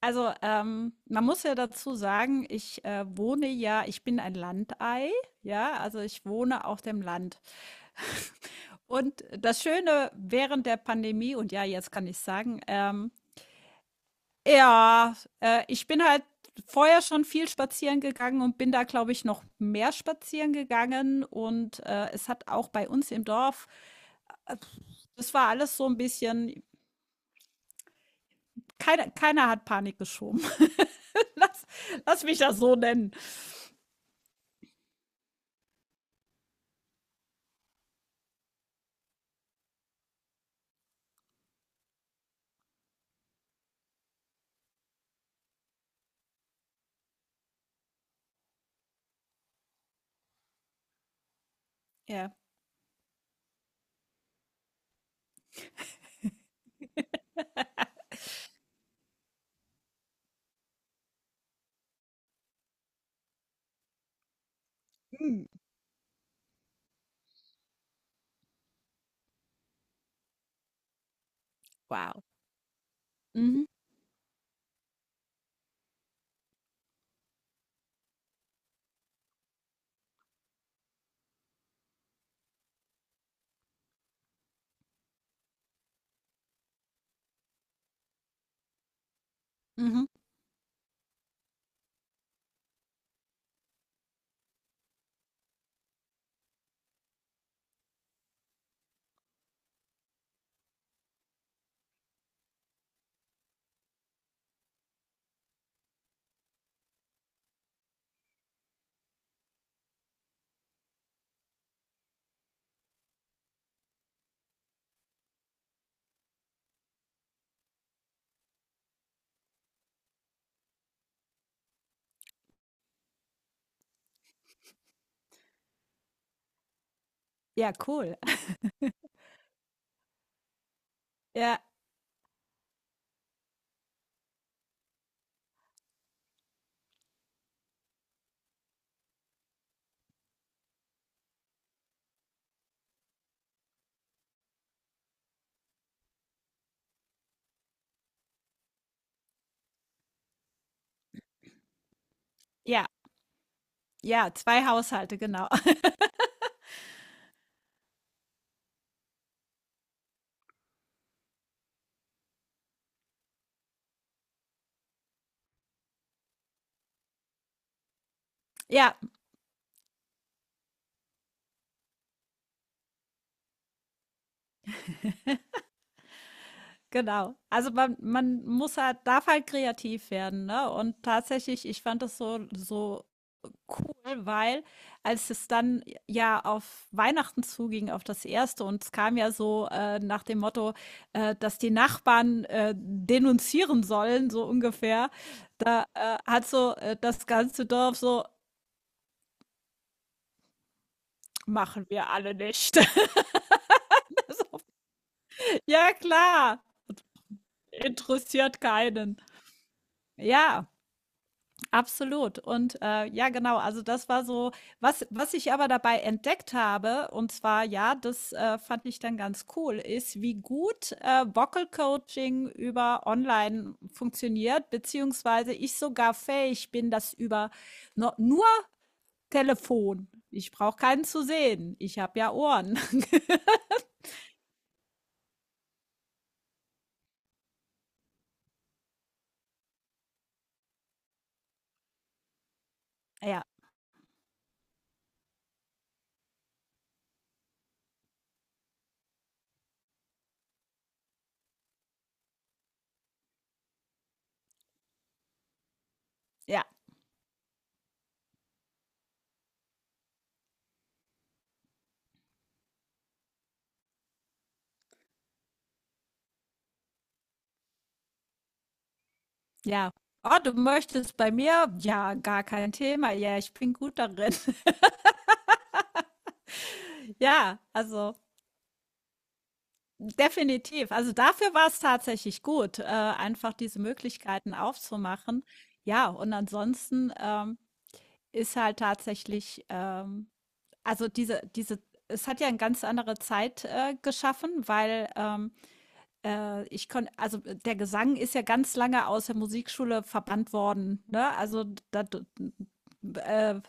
Also, man muss ja dazu sagen, ich bin ein Landei, ja, also ich wohne auf dem Land. Und das Schöne während der Pandemie, und ja, jetzt kann ich sagen, ja, ich bin halt vorher schon viel spazieren gegangen und bin da, glaube ich, noch mehr spazieren gegangen. Und es hat auch bei uns im Dorf, das war alles so ein bisschen, keiner hat Panik geschoben. Lass lass mich das so nennen. Ja. Mhm. Wow. Mhm, mhm. Ja, cool. Ja, ja, ja, 2 Haushalte, genau. Ja, genau. Also man muss halt darf halt kreativ werden, ne? Und tatsächlich, ich fand das so so cool, weil, als es dann ja auf Weihnachten zuging, auf das erste, und es kam ja so, nach dem Motto, dass die Nachbarn denunzieren sollen, so ungefähr. Da hat so, das ganze Dorf so: „Machen wir alle nicht." Ja, klar. Interessiert keinen. Ja, absolut. Und ja, genau. Also das war so, was ich aber dabei entdeckt habe, und zwar, ja, das, fand ich dann ganz cool, ist, wie gut Vocal Coaching über online funktioniert, beziehungsweise ich sogar fähig bin, das über no, nur Telefon. Ich brauche keinen zu sehen. Ich habe ja Ohren. Ja, ja, ja. Oh, du möchtest bei mir? Ja, gar kein Thema. Ja, ich bin gut darin. Ja, also definitiv. Also dafür war es tatsächlich gut, einfach diese Möglichkeiten aufzumachen. Ja, und ansonsten, ist halt tatsächlich, also diese, diese, es hat ja eine ganz andere Zeit geschaffen, weil, ich konnte, also der Gesang ist ja ganz lange aus der Musikschule verbannt worden, ne? Also da, äh,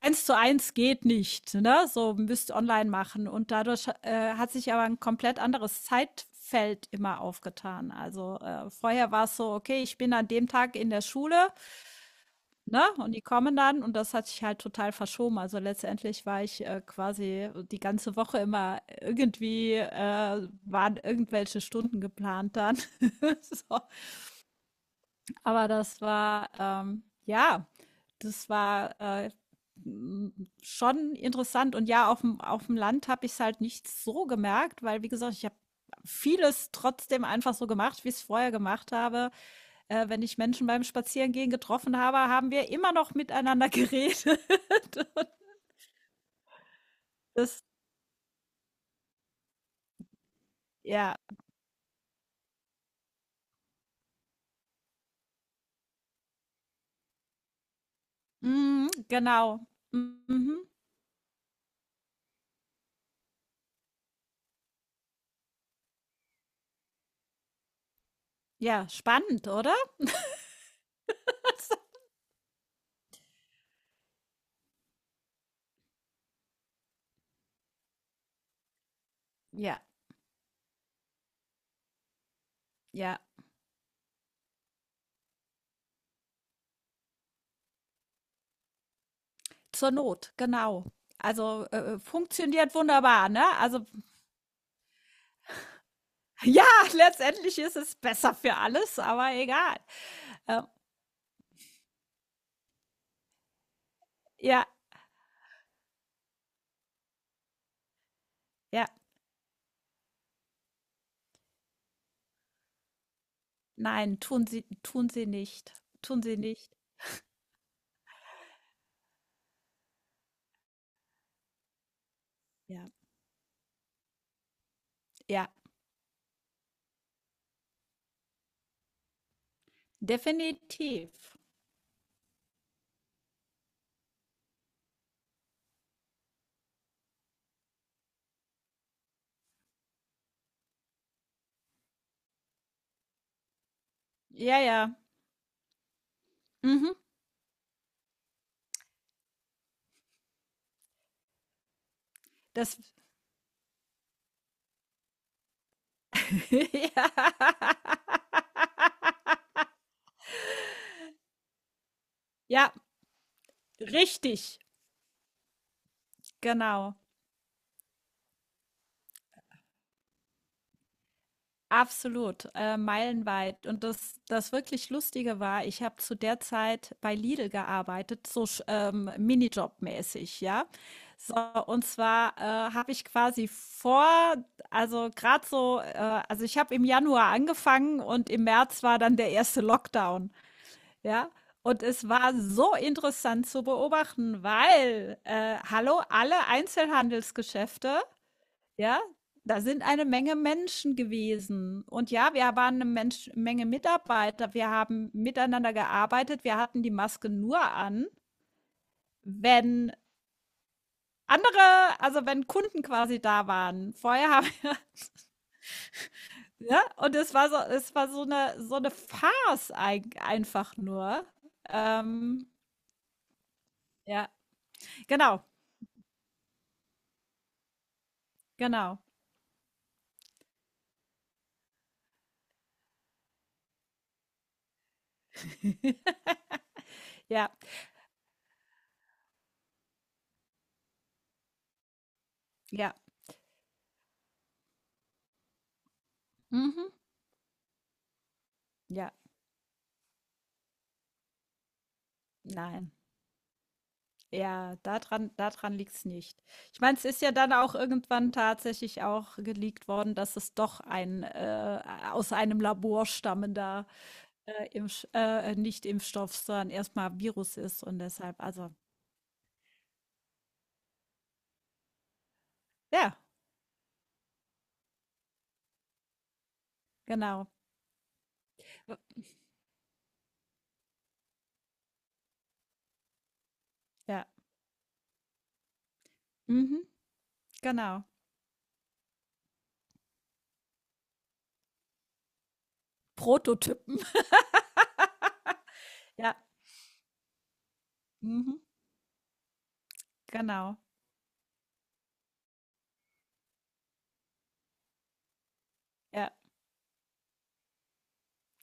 Eins zu eins geht nicht, ne? So, müsst online machen. Und dadurch hat sich aber ein komplett anderes Zeitfeld immer aufgetan. Also vorher war es so, okay, ich bin an dem Tag in der Schule, ne? Und die kommen dann, und das hat sich halt total verschoben. Also letztendlich war ich quasi die ganze Woche immer irgendwie, waren irgendwelche Stunden geplant dann. So. Aber das war, ja, das war m- schon interessant. Und ja, auf dem Land habe ich es halt nicht so gemerkt, weil, wie gesagt, ich habe vieles trotzdem einfach so gemacht, wie ich es vorher gemacht habe. Wenn ich Menschen beim Spazierengehen getroffen habe, haben wir immer noch miteinander geredet. Und das, ja, mm, genau. Mhm. Ja, spannend, oder? Ja, ja. Zur Not, genau. Also, funktioniert wunderbar, ne? Also, ja, letztendlich ist es besser für alles, aber egal. Ähm, ja, ja, nein, tun Sie nicht. Tun Sie nicht. Ja, ja, definitiv. Ja, ja. Mhm. Das ja. Ja, richtig, genau. Absolut, meilenweit. Und das wirklich Lustige war, ich habe zu der Zeit bei Lidl gearbeitet, so Minijob-mäßig, ja. So, und zwar habe ich quasi vor, also gerade so, also ich habe im Januar angefangen, und im März war dann der erste Lockdown, ja. Und es war so interessant zu beobachten, weil, hallo, alle Einzelhandelsgeschäfte, ja, da sind eine Menge Menschen gewesen. Und ja, wir waren eine Mensch Menge Mitarbeiter. Wir haben miteinander gearbeitet. Wir hatten die Maske nur an, wenn andere also, wenn Kunden quasi da waren. Vorher haben wir ja. Und es war so eine Farce, eig einfach nur. Ähm, ja, genau, genau. Ja, ja. Mhm. Ja, nein. Ja, daran dadran liegt's nicht. Ich meine, es ist ja dann auch irgendwann tatsächlich auch geleakt worden, dass es doch ein, aus einem Labor stammender, Impfsch nicht Impfstoff, sondern erstmal Virus ist und deshalb also, ja, genau. Ja, mhm, genau. Prototypen. Ja, mhm, genau. Ja,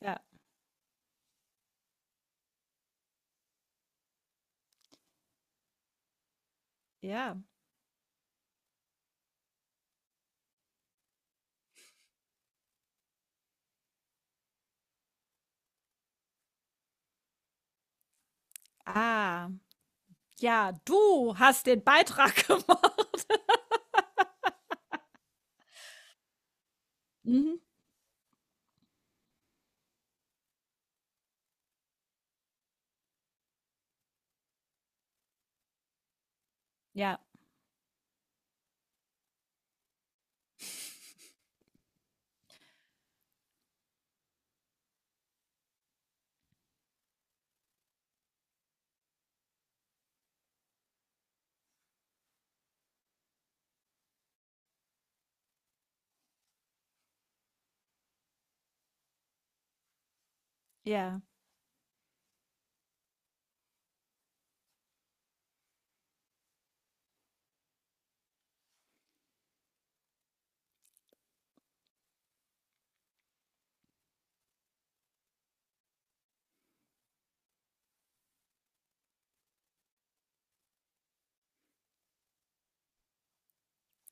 ja, ja. Ah, ja, du hast den Beitrag gemacht. Mhm, ja, ja.